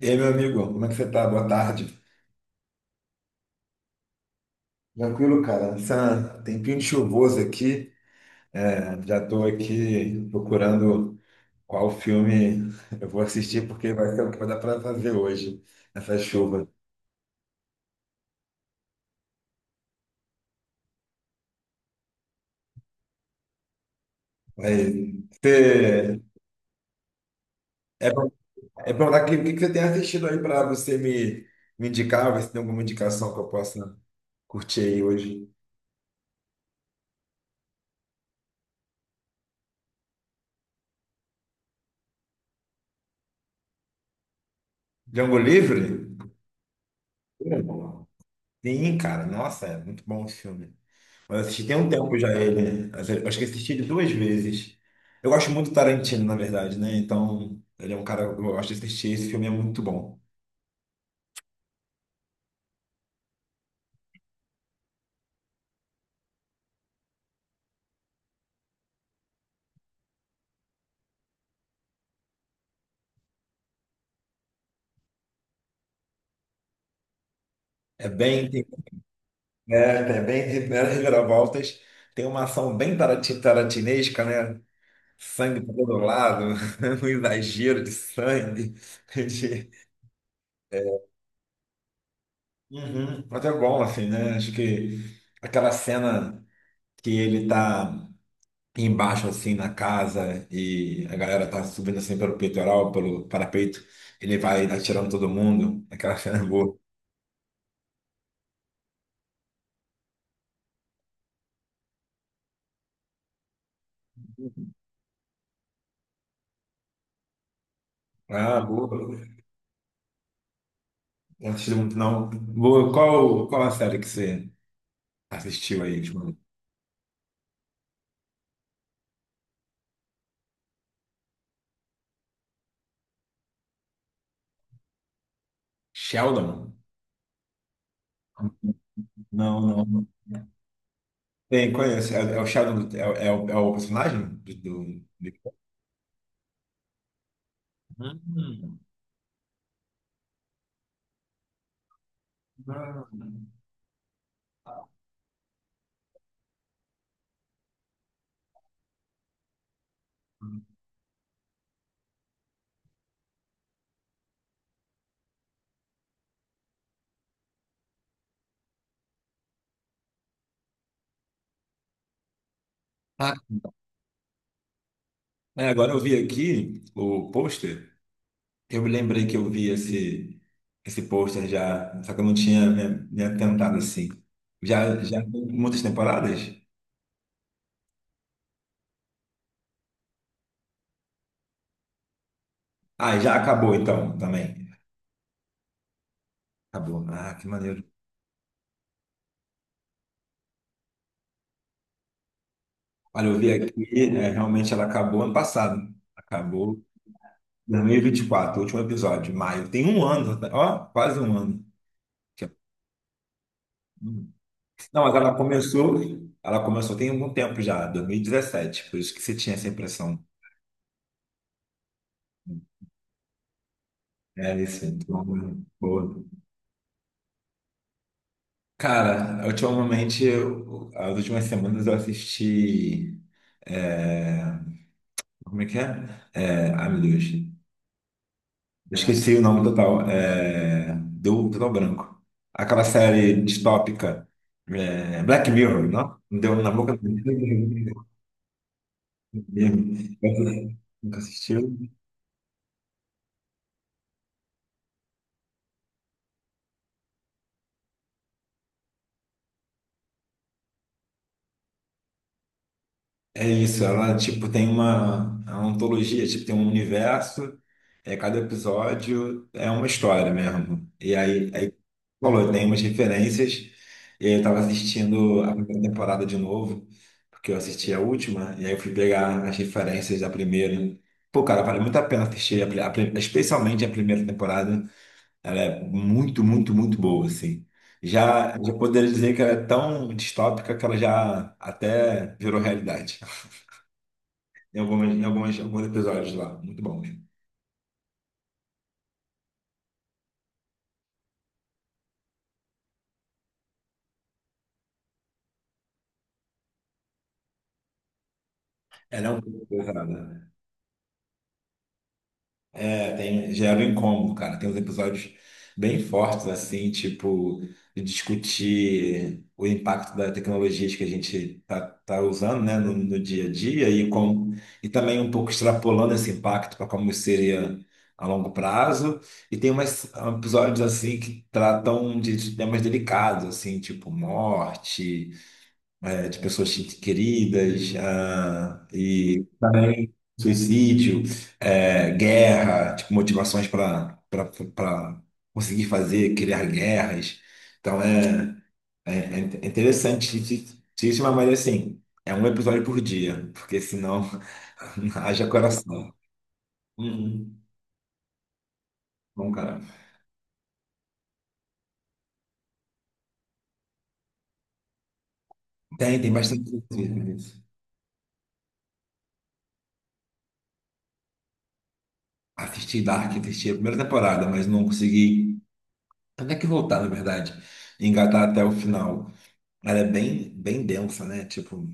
E aí, meu amigo, como é que você tá? Boa tarde. Tranquilo, cara. Essa tempinho de chuvoso aqui. Já estou aqui procurando qual filme eu vou assistir, porque vai ser o que vai dar para fazer hoje, essa chuva. Mas você, é pra é pra falar que, o que que você tem assistido aí para você me, me indicar, ver se tem alguma indicação que eu possa curtir aí hoje. Django Livre? Sim, cara. Nossa, é muito bom o filme. Eu assisti tem um tempo já ele. Eu Acho que assisti ele duas vezes. Eu gosto muito do Tarantino, na verdade, né? Então, ele é um cara que eu gosto de assistir. Esse filme é muito bom. É bem, é, é bem reviravoltas. Tem uma ação bem tarantinesca, né? Sangue por todo lado, um exagero de sangue. de- Uhum. Mas é bom, assim, né? Acho que aquela cena que ele tá embaixo assim na casa e a galera tá subindo assim pelo peitoral, pelo parapeito, ele vai atirando todo mundo. Aquela cena é boa. Ah, boa. Não assisti muito, não. Boa. Qual a série que você assistiu aí, tipo, Sheldon? Não, não. Tem, conheço. É, é o Sheldon, é, é o personagem do. Hum. Ah, é, agora eu vi aqui o pôster. Eu me lembrei que eu vi esse, esse pôster já, só que eu não tinha me atentado assim. Já tem muitas temporadas? Ah, já acabou então, também. Acabou. Ah, que maneiro. Olha, eu vi aqui, né, realmente ela acabou ano passado. Acabou em 2024, o último episódio, maio. Tem um ano, né? Ó, quase um ano. Que é- um Não, mas ela começou tem algum tempo já, 2017, por isso que você tinha essa impressão. É isso, então, boa. Cara, ultimamente, as últimas semanas eu assisti. é, Como é que é? É, ai, meu Deus. Eu esqueci o nome total. É, deu um total branco. Aquela série distópica. Black Mirror, não? Deu um na boca. Nunca assistiu? É isso, ela tipo tem uma, é uma antologia, tipo tem um universo, cada episódio é uma história mesmo. E aí é falou, tem umas referências. E aí eu tava assistindo a primeira temporada de novo, porque eu assisti a última, e aí eu fui pegar as referências da primeira. Pô, cara, vale muito a pena assistir, especialmente a primeira temporada. Ela é muito, muito, muito boa, assim. Já poderia dizer que ela é tão distópica que ela já até virou realidade. Alguns episódios lá. Muito bom mesmo. Ela é um pouco pesada. É, tem, gera um incômodo, cara. Tem uns episódios bem fortes, assim, tipo, de discutir o impacto das tecnologias que a gente tá usando, né, no dia a dia e, como, e também um pouco extrapolando esse impacto para como seria a longo prazo. E tem umas episódios, assim, que tratam de temas delicados, assim, tipo morte é, de pessoas queridas, ah, e também suicídio, é, guerra, tipo, motivações para conseguir fazer, criar guerras. Então é, É interessantíssimo, mas assim, é um episódio por dia, porque senão haja coração. Uhum. Bom, cara. Tem, tem bastante coisa nisso. Assisti Dark, assisti a primeira temporada, mas não consegui até que voltar, na verdade, e engatar até o final. Ela é bem, bem densa, né? Tipo,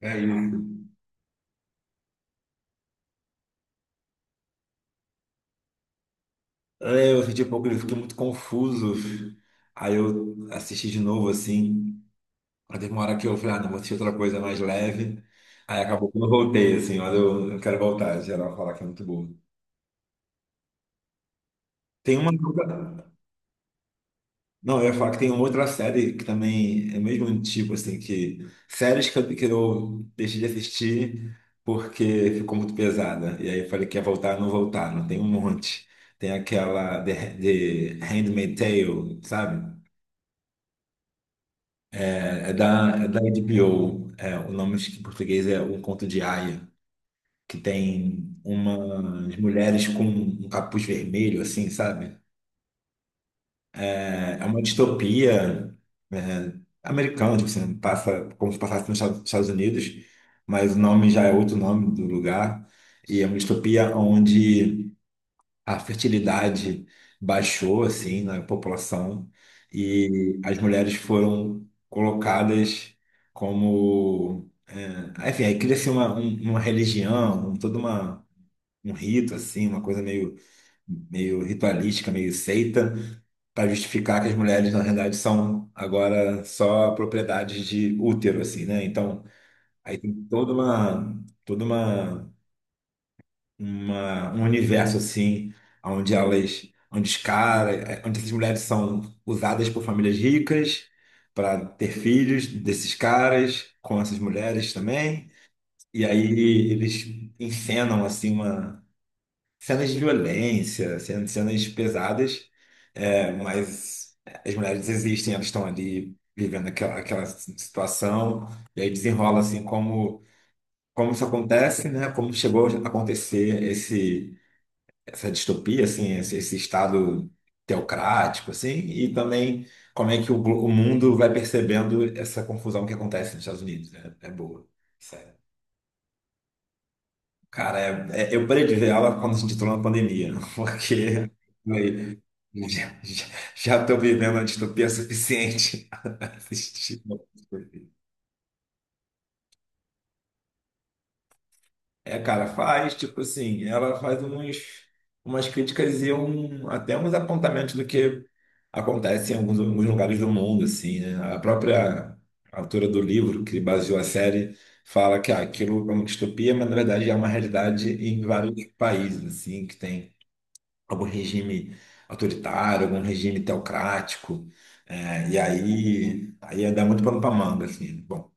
É, e- é, eu senti um pouco, eu fiquei muito confuso. Aí eu assisti de novo, assim. Aí teve uma hora que eu falei, ah, não, vou assistir outra coisa mais leve. Aí acabou que eu voltei, assim, mas eu quero voltar. Geral fala que é muito boa. Tem uma. Não, eu ia falar que tem uma outra série que também é o mesmo tipo assim, que séries que que eu deixei de assistir porque ficou muito pesada. E aí eu falei que ia voltar, não tem um monte. Tem aquela The Handmaid's Tale, sabe? É, é da HBO. É, o nome acho que em português é Um Conto de Aia, que tem umas mulheres com um capuz vermelho, assim, sabe? É uma distopia é, americana, tipo assim, passa como se passasse nos Estados Unidos, mas o nome já é outro nome do lugar. E é uma distopia onde a fertilidade baixou, assim, na população e as mulheres foram colocadas como... é, enfim, aí cria-se uma, um- uma religião, toda uma, um rito, assim, uma coisa meio meio ritualística, meio seita, para justificar que as mulheres, na realidade, são agora só propriedades de útero, assim, né? Então, aí tem um universo, assim, onde elas, onde os caras, onde essas mulheres são usadas por famílias ricas para ter filhos desses caras com essas mulheres também. E aí eles encenam, assim, cenas de violência, cenas pesadas, é, mas as mulheres existem, elas estão ali vivendo aquela situação, e aí desenrola assim como, como isso acontece, né? Como chegou a acontecer esse, essa distopia, assim, esse estado teocrático, assim, e também como é que o mundo vai percebendo essa confusão que acontece nos Estados Unidos, né? É boa. Cara, eu parei de ver aula quando a gente entrou na pandemia, porque aí, já, estou vivendo a distopia suficiente para assistir. É, cara, faz, tipo assim, ela faz uns, umas críticas e um, até uns apontamentos do que acontece em alguns lugares do mundo, assim, né? A própria autora do livro que baseou a série fala que ah, aquilo é uma distopia, mas na verdade é uma realidade em vários países, assim, que tem algum regime autoritário, algum regime teocrático. Aí ia dar muito pano pra manga, assim. Bom,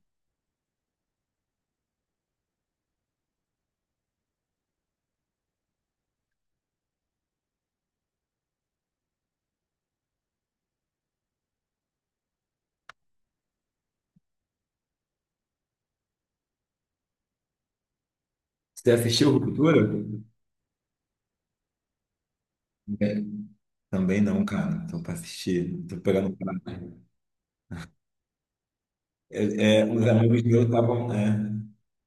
você assistiu Ruptura? É, também não, cara. Então, pra assistir, tô pegando pra... Uns amigos meus estavam...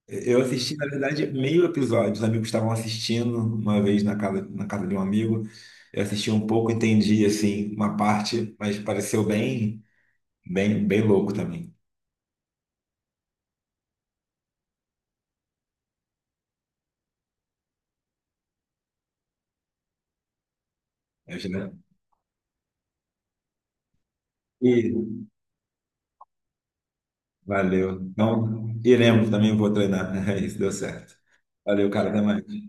eu assisti, na verdade, meio episódio. Os amigos estavam assistindo uma vez na casa de um amigo. Eu assisti um pouco, entendi, assim, uma parte, mas pareceu bem louco também. Eu já- E, valeu. Então, iremos também, vou treinar. Isso deu certo. Valeu, cara. Até mais.